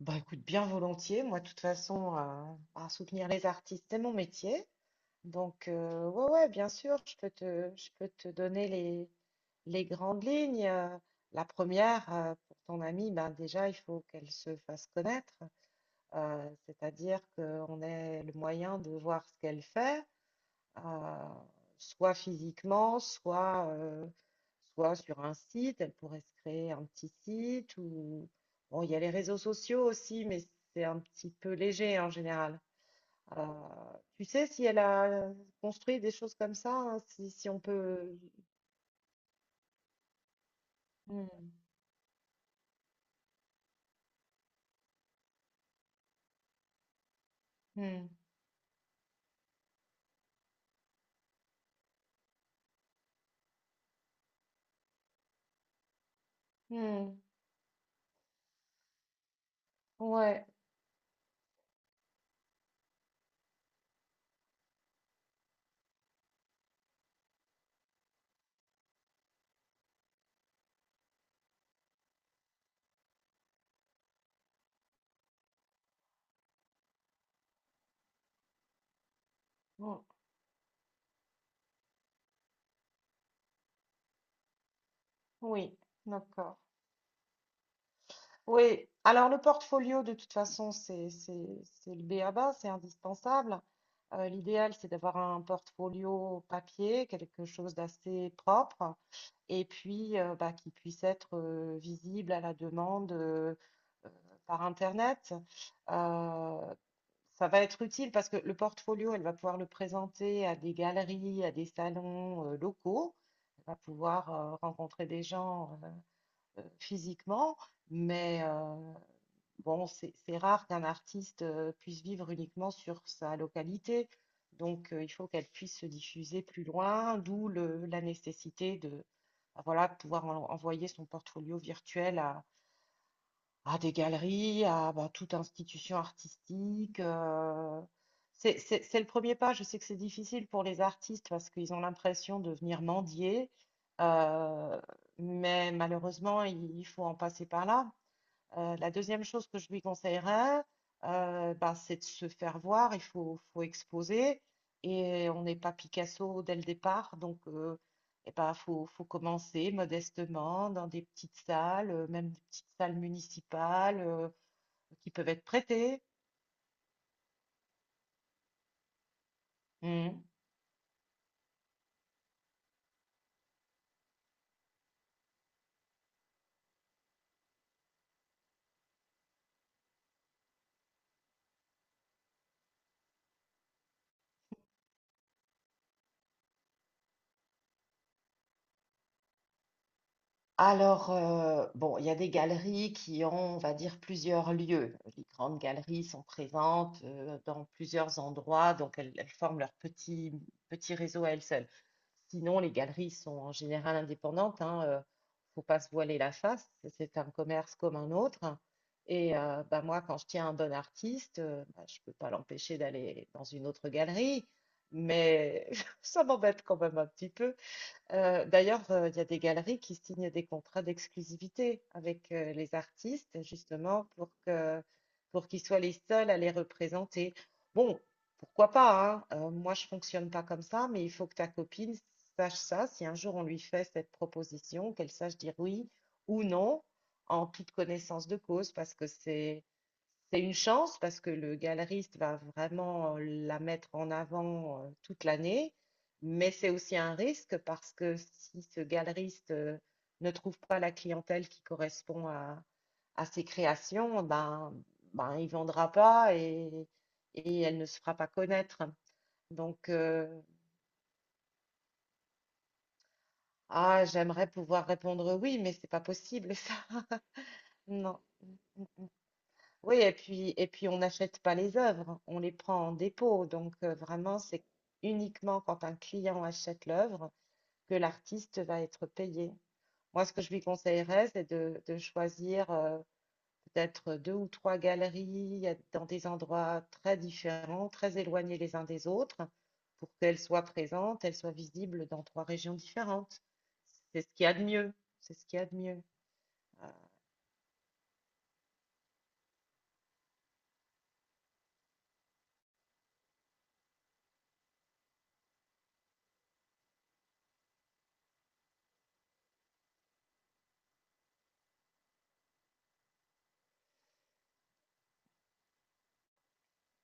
Bah écoute, bien volontiers. Moi, de toute façon, à soutenir les artistes, c'est mon métier. Donc, ouais, ouais, bien sûr, je peux te donner les grandes lignes. La première, pour ton amie, ben déjà, il faut qu'elle se fasse connaître. C'est-à-dire qu'on ait le moyen de voir ce qu'elle fait, euh, soit physiquement, soit sur un site. Elle pourrait se créer un petit site ou bon, il y a les réseaux sociaux aussi, mais c'est un petit peu léger en général. Euh, Tu sais si elle a construit des choses comme ça, hein, si on peut. Hmm, hmm, hmm. Ouais, hmm, oui, d'accord. Oui, alors le portfolio, de toute façon, c'est le b à ba, c'est indispensable. L'idéal, c'est d'avoir un portfolio papier, quelque chose d'assez propre, et puis bah, qui puisse être visible à la demande, euh, par Internet. Euh, Ça va être utile parce que le portfolio, elle va pouvoir le présenter à des galeries, à des salons locaux. Elle va pouvoir rencontrer des gens, physiquement, mais bon, c'est rare qu'un artiste puisse vivre uniquement sur sa localité. Donc, il faut qu'elle puisse se diffuser plus loin, d'où la nécessité de, voilà, pouvoir envoyer son portfolio virtuel à des galeries, à bah, toute institution artistique. C'est le premier pas. Je sais que c'est difficile pour les artistes parce qu'ils ont l'impression de venir mendier, euh, mais malheureusement, il faut en passer par là. La deuxième chose que je lui conseillerais, ben, c'est de se faire voir, faut exposer. Et on n'est pas Picasso dès le départ, donc eh ben, faut commencer modestement dans des petites salles, même des petites salles municipales, qui peuvent être prêtées. Mm. Alors, bon, il y a des galeries qui ont, on va dire, plusieurs lieux. Les grandes galeries sont présentes dans plusieurs endroits, donc elles, elles forment leur petit réseau à elles seules. Sinon, les galeries sont en général indépendantes, hein, faut pas se voiler la face, c'est un commerce comme un autre. Et bah, moi, quand je tiens un bon artiste, bah, je peux pas l'empêcher d'aller dans une autre galerie, mais ça m'embête quand même un petit peu. D'ailleurs, il y a des galeries qui signent des contrats d'exclusivité avec les artistes, justement, pour qu'ils soient les seuls à les représenter. Bon, pourquoi pas, hein, moi, je fonctionne pas comme ça, mais il faut que ta copine sache ça. Si un jour on lui fait cette proposition, qu'elle sache dire oui ou non, en toute connaissance de cause, c'est une chance, parce que le galeriste va vraiment la mettre en avant toute l'année. Mais c'est aussi un risque parce que si ce galeriste ne trouve pas la clientèle qui correspond à ses créations, ben, il ne vendra pas, et elle ne se fera pas connaître. Donc, ah, j'aimerais pouvoir répondre oui, mais c'est pas possible ça. Non. Oui, et puis on n'achète pas les œuvres, on les prend en dépôt. Donc, vraiment, c'est uniquement quand un client achète l'œuvre que l'artiste va être payé. Moi, ce que je lui conseillerais, de choisir peut-être deux ou trois galeries dans des endroits très différents, très éloignés les uns des autres, pour qu'elles soient présentes, elles soient visibles dans trois régions différentes. C'est ce qu'il y a de mieux. C'est ce qu'il y a de mieux. Euh,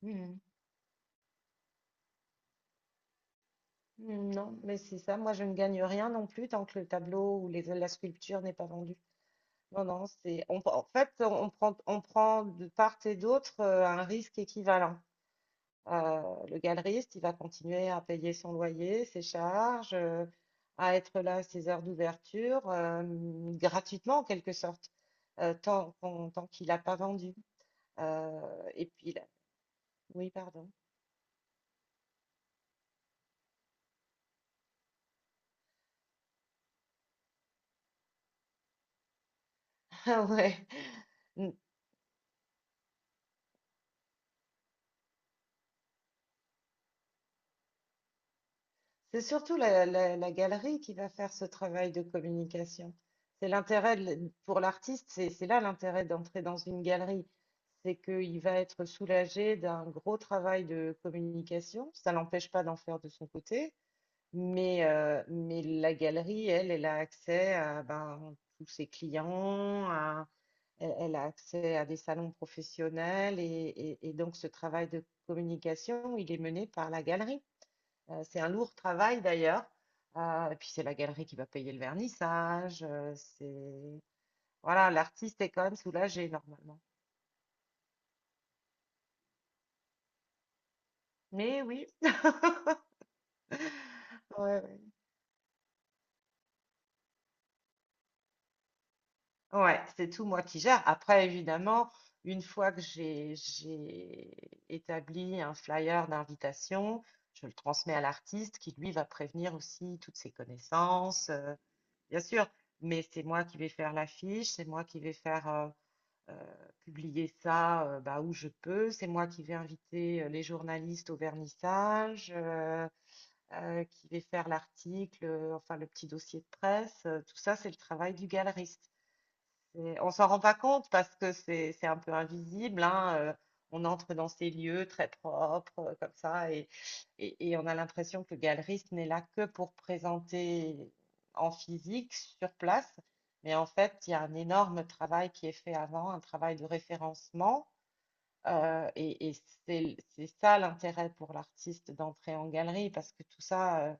Mhm. Mm, non, mais c'est ça. Moi, je ne gagne rien non plus tant que le tableau ou la sculpture n'est pas vendue. Non, non, en fait, on prend de part et d'autre un risque équivalent. Euh, le galeriste, il va continuer à payer son loyer, ses charges, à être là à ses heures d'ouverture, gratuitement en quelque sorte, tant qu'il n'a pas vendu. Euh, et puis là, oui, pardon. Ah ouais. C'est surtout la galerie qui va faire ce travail de communication. Pour l'artiste, c'est là l'intérêt d'entrer dans une galerie. C'est qu'il va être soulagé d'un gros travail de communication. Ça l'empêche pas d'en faire de son côté, mais la galerie, elle, elle a accès à ben, tous ses clients, elle, elle a accès à des salons professionnels, et donc ce travail de communication, il est mené par la galerie. C'est un lourd travail d'ailleurs. Et puis c'est la galerie qui va payer le vernissage. C'est... Voilà, l'artiste est quand même soulagé normalement. Mais oui, Ouais, ouais. Ouais, c'est tout moi qui gère. Après, évidemment, une fois que j'ai établi un flyer d'invitation, je le transmets à l'artiste qui, lui, va prévenir aussi toutes ses connaissances. Bien sûr, mais c'est moi qui vais faire l'affiche, c'est moi qui vais faire euh, publier ça, bah, où je peux. C'est moi qui vais inviter les journalistes au vernissage, qui vais faire l'article, enfin le petit dossier de presse. Tout ça, c'est le travail du galeriste. On s'en rend pas compte parce que c'est un peu invisible, hein, on entre dans ces lieux très propres, comme ça, et on a l'impression que le galeriste n'est là que pour présenter en physique, sur place. Mais en fait, il y a un énorme travail qui est fait avant, un travail de référencement. Et c'est ça l'intérêt pour l'artiste d'entrer en galerie, parce que tout ça,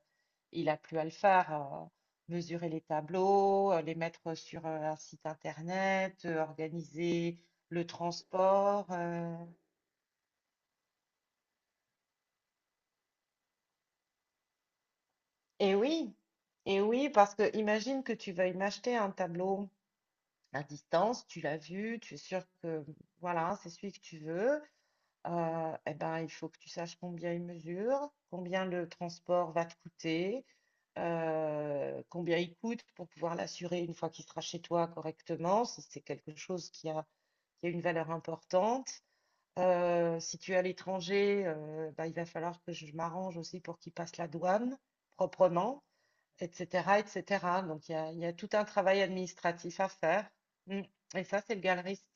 il a plus à le faire, mesurer les tableaux, les mettre sur, un site internet, organiser le transport, et oui, et oui, parce que imagine que tu veuilles m'acheter un tableau à distance, tu l'as vu, tu es sûr que, voilà, c'est celui que tu veux, et ben, il faut que tu saches combien il mesure, combien le transport va te coûter, combien il coûte pour pouvoir l'assurer une fois qu'il sera chez toi correctement, si c'est quelque chose qui a une valeur importante. Si tu es à l'étranger, bah, il va falloir que je m'arrange aussi pour qu'il passe la douane proprement, etc., etc. Donc il y a tout un travail administratif à faire. Mm. Et ça, c'est le galeriste.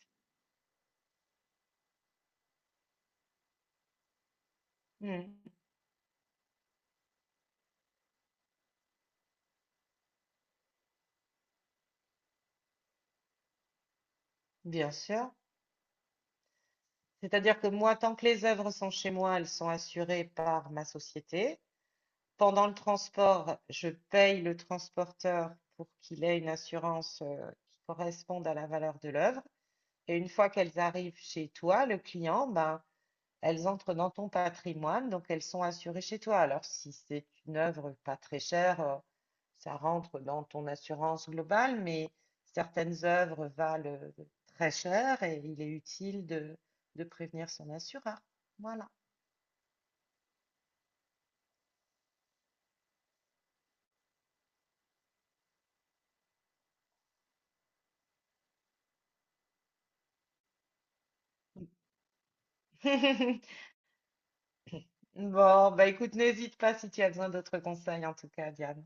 Mm. Bien sûr. C'est-à-dire que moi, tant que les œuvres sont chez moi, elles sont assurées par ma société. Pendant le transport, je paye le transporteur pour qu'il ait une assurance qui corresponde à la valeur de l'œuvre. Et une fois qu'elles arrivent chez toi, le client, ben, elles entrent dans ton patrimoine, donc elles sont assurées chez toi. Alors, si c'est une œuvre pas très chère, ça rentre dans ton assurance globale, mais certaines œuvres valent très cher et il est utile de prévenir son assureur. Voilà. Bon, bah écoute, n'hésite pas si tu as besoin d'autres conseils en tout cas, Diane.